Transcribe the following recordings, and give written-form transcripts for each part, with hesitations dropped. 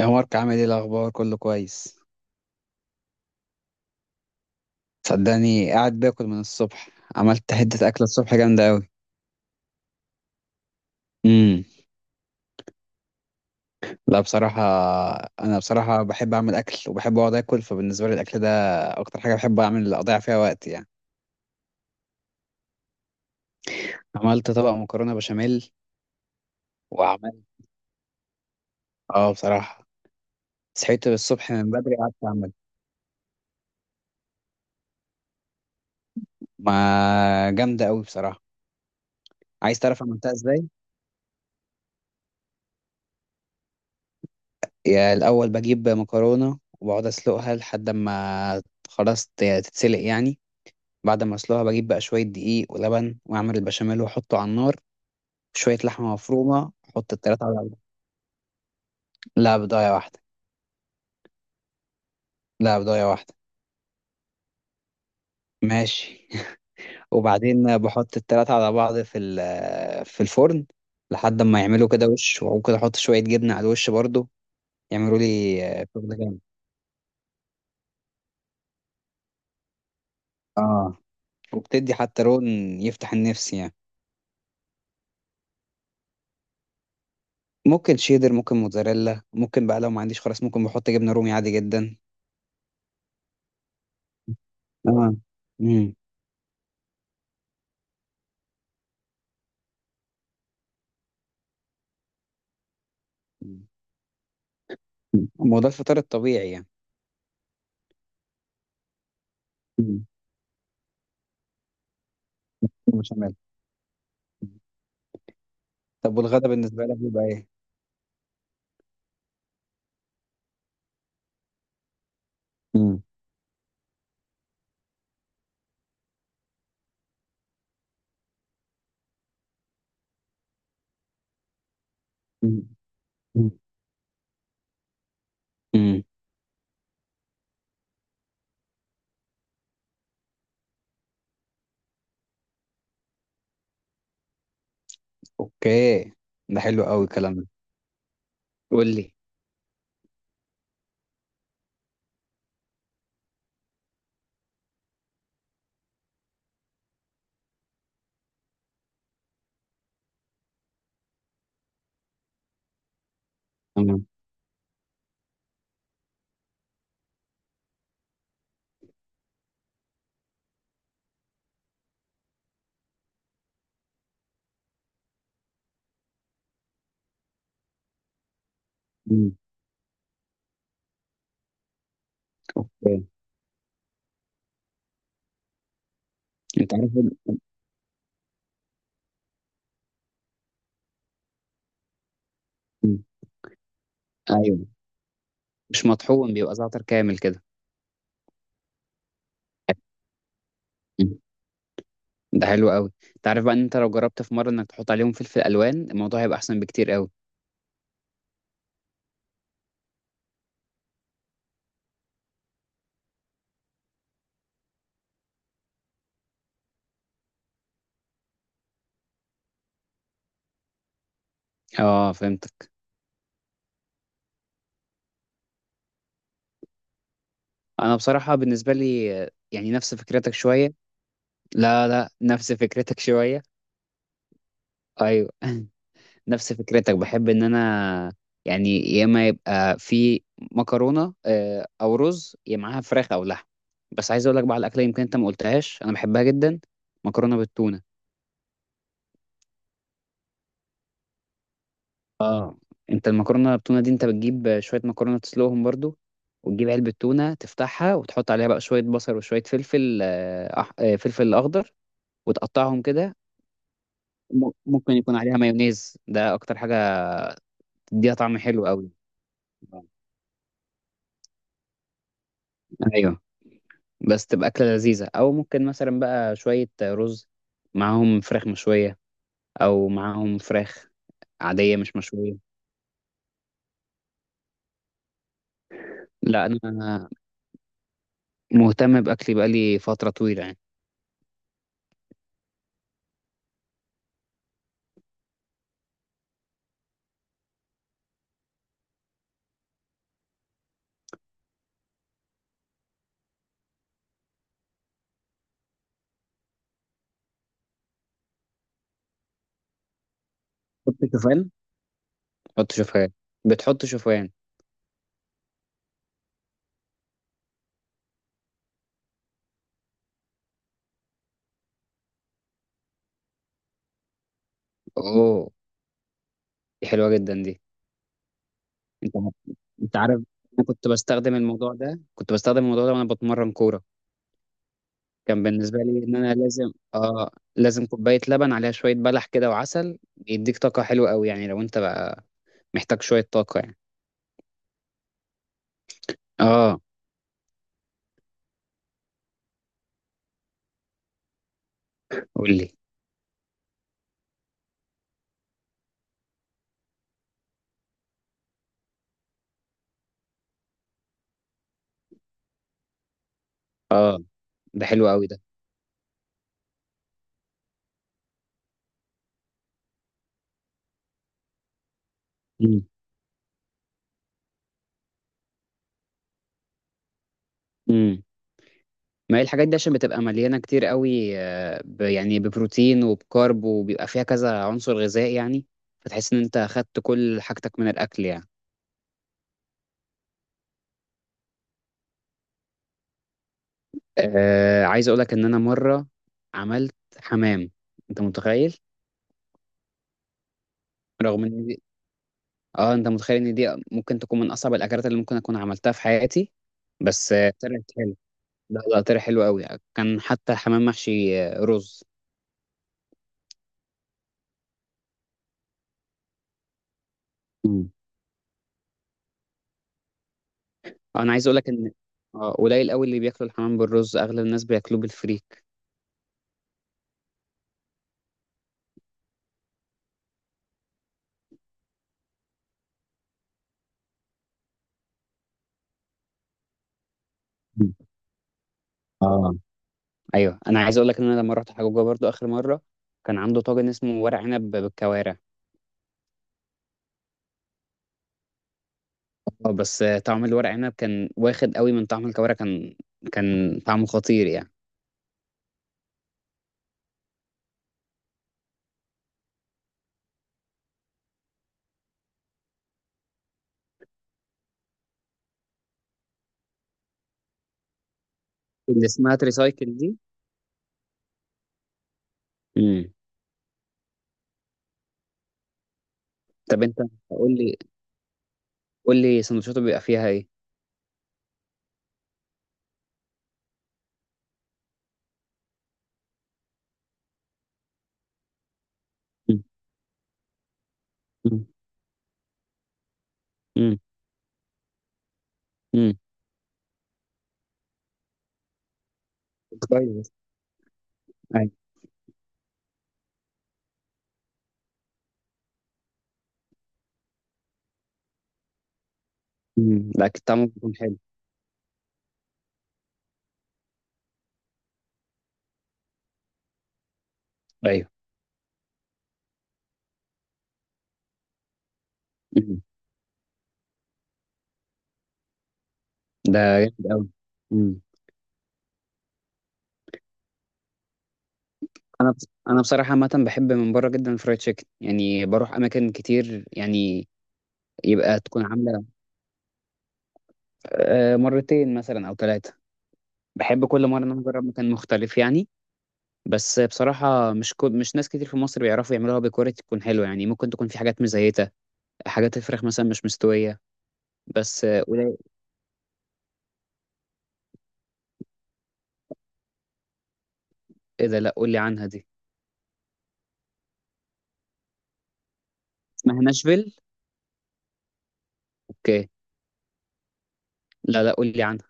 يا مارك، عامل ايه؟ الاخبار كله كويس. صدقني، قاعد باكل من الصبح. عملت حته اكله الصبح جامده قوي. امم. لا، بصراحه. انا بصراحه بحب اعمل اكل وبحب اقعد اكل، فبالنسبه لي الاكل ده اكتر حاجه بحب اعمل اضيع فيها وقت يعني. عملت طبق مكرونه بشاميل. وعملت، اه بصراحه صحيت الصبح من بدري، قعدت اعمل. ما جامده قوي بصراحه. عايز تعرف عملتها ازاي؟ يا، الاول بجيب مكرونه وبقعد اسلقها لحد ما خلاص تتسلق يعني. بعد ما اسلقها بجيب بقى شويه دقيق ولبن واعمل البشاميل واحطه على النار. شويه لحمه مفرومه، احط التلاتة على بعض. لا، بضايه واحده. لا، بضايه واحده. ماشي. وبعدين بحط التلاتة على بعض في الفرن، لحد ما يعملوا كده وش. وممكن احط شويه جبنه على الوش برضو، يعملوا لي شغل جامد. اه، وبتدي حتى لون يفتح النفس يعني. ممكن شيدر، ممكن موتزاريلا، ممكن بقى لو ما عنديش خلاص ممكن بحط جبنه رومي عادي جدا. اه. امم. مم. ما هو ده الفطار الطبيعي يعني. مم. بشاميل. مم. طب والغدا بالنسبة لك بيبقى ايه؟ مم. مم. مم. مم. اوكي، ده حلو قوي الكلام ده. قول لي. تمام. مم. اوكي. انت عارف مم. ايوه. مش مطحون، بيبقى زعتر كامل كده. مم. ده حلو قوي. انت عارف بقى ان انت لو جربت في مرة انك تحط عليهم فلفل الوان، الموضوع هيبقى احسن بكتير قوي. اه، فهمتك. انا بصراحة بالنسبة لي، يعني نفس فكرتك شوية. لا، لا، نفس فكرتك شوية. ايوه. نفس فكرتك. بحب ان انا يعني، يا اما يبقى في مكرونه، او رز، يا معاها فراخ او لحم. بس عايز اقول لك بقى على الاكله، يمكن انت ما قلتهاش انا بحبها جدا. مكرونه بالتونه. انت المكرونه بالتونه دي، انت بتجيب شويه مكرونه تسلقهم برضو، وتجيب علبه تونه تفتحها وتحط عليها بقى شويه بصل وشويه فلفل آه، أح... آه، فلفل اخضر، وتقطعهم كده. ممكن يكون عليها مايونيز، ده اكتر حاجه تديها طعم حلو قوي. ايوه. بس تبقى أكلة لذيذة، أو ممكن مثلا بقى شوية رز معاهم فراخ مشوية، أو معاهم فراخ عادية مش مشوية. لا، أنا مهتم بأكلي بقالي فترة طويلة يعني. حط شوفان حط شوفان. بتحط شوفان؟ أوه. دي حلوة جدا دي. أنت أنت عارف. أنا كنت بستخدم الموضوع ده وأنا بتمرن كورة. كان بالنسبة لي إن أنا لازم كوباية لبن عليها شوية بلح كده وعسل. يديك طاقة حلوة أوي، يعني لو أنت بقى محتاج شوية طاقة يعني. آه، قُل لي. آه، ده حلو أوي ده. إمم، إمم. ما هي الحاجات دي عشان بتبقى مليانة كتير أوي، ب يعني ببروتين وبكارب، وبيبقى فيها كذا عنصر غذائي يعني، فتحس إن أنت أخدت كل حاجتك من الأكل يعني. عايز أقول لك إن أنا مرّة عملت حمام، أنت متخيّل؟ رغم إن دي آه، أنت متخيّل إن دي ممكن تكون من أصعب الأكلات اللي ممكن أكون عملتها في حياتي. بس طلعت حلوة. لا، لا، طلع حلو أوي، كان حتى حمام محشي رُز. إمم. انا عايز اقول لك ان قليل قوي اللي بياكلوا الحمام بالرز، اغلب الناس بياكلوه بالفريك. مم. اه، ايوه، انا عايز اقول لك ان انا لما رحت حجوجه برضو اخر مره كان عنده طاجن اسمه ورق عنب بالكوارع. اه، بس طعم الورق عنب كان واخد قوي من طعم الكوارع. كان طعمه خطير يعني. اللي اسمها تريسايكل دي. امم. طب انت، قول لي قول لي سندوتشاته بيبقى فيها ايه؟ امم. امم. امم. كويس. ايوه. امم. لا، كان طعمه بيكون حلو. ايوه. امم. ده جامد قوي. انا انا بصراحه عامه بحب من بره جدا الفرايد تشيكن، يعني بروح اماكن كتير يعني. يبقى تكون عامله مرتين مثلا او ثلاثه. بحب كل مره ان انا اجرب مكان مختلف يعني. بس بصراحه مش ناس كتير في مصر بيعرفوا يعملوها بكواليتي تكون حلوه يعني. ممكن تكون في حاجات مزيته، حاجات الفراخ مثلا مش مستويه. بس قول. ايه ده؟ لا، قول لي عنها دي. اسمها ناشفيل. اوكي. لا، لا، قول لي عنها.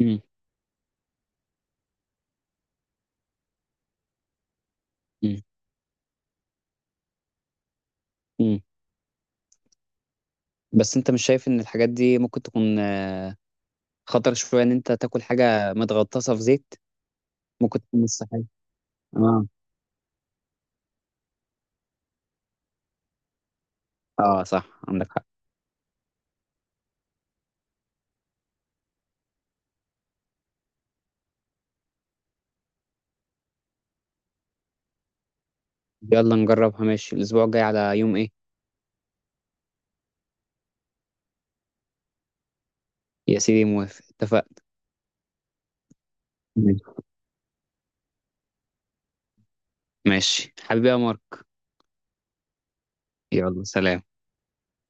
مم. مم. مم. بس انت مش شايف ان الحاجات دي ممكن تكون خطر شوية إن أنت تاكل حاجة متغطسة في زيت؟ ممكن تكون مش صحية. آه. آه، صح، عندك حق. يلا نجربها. ماشي، الأسبوع الجاي على يوم إيه؟ يا سيدي، موافق، اتفقنا. ماشي. ماشي حبيبي يا مارك. يلا، سلام.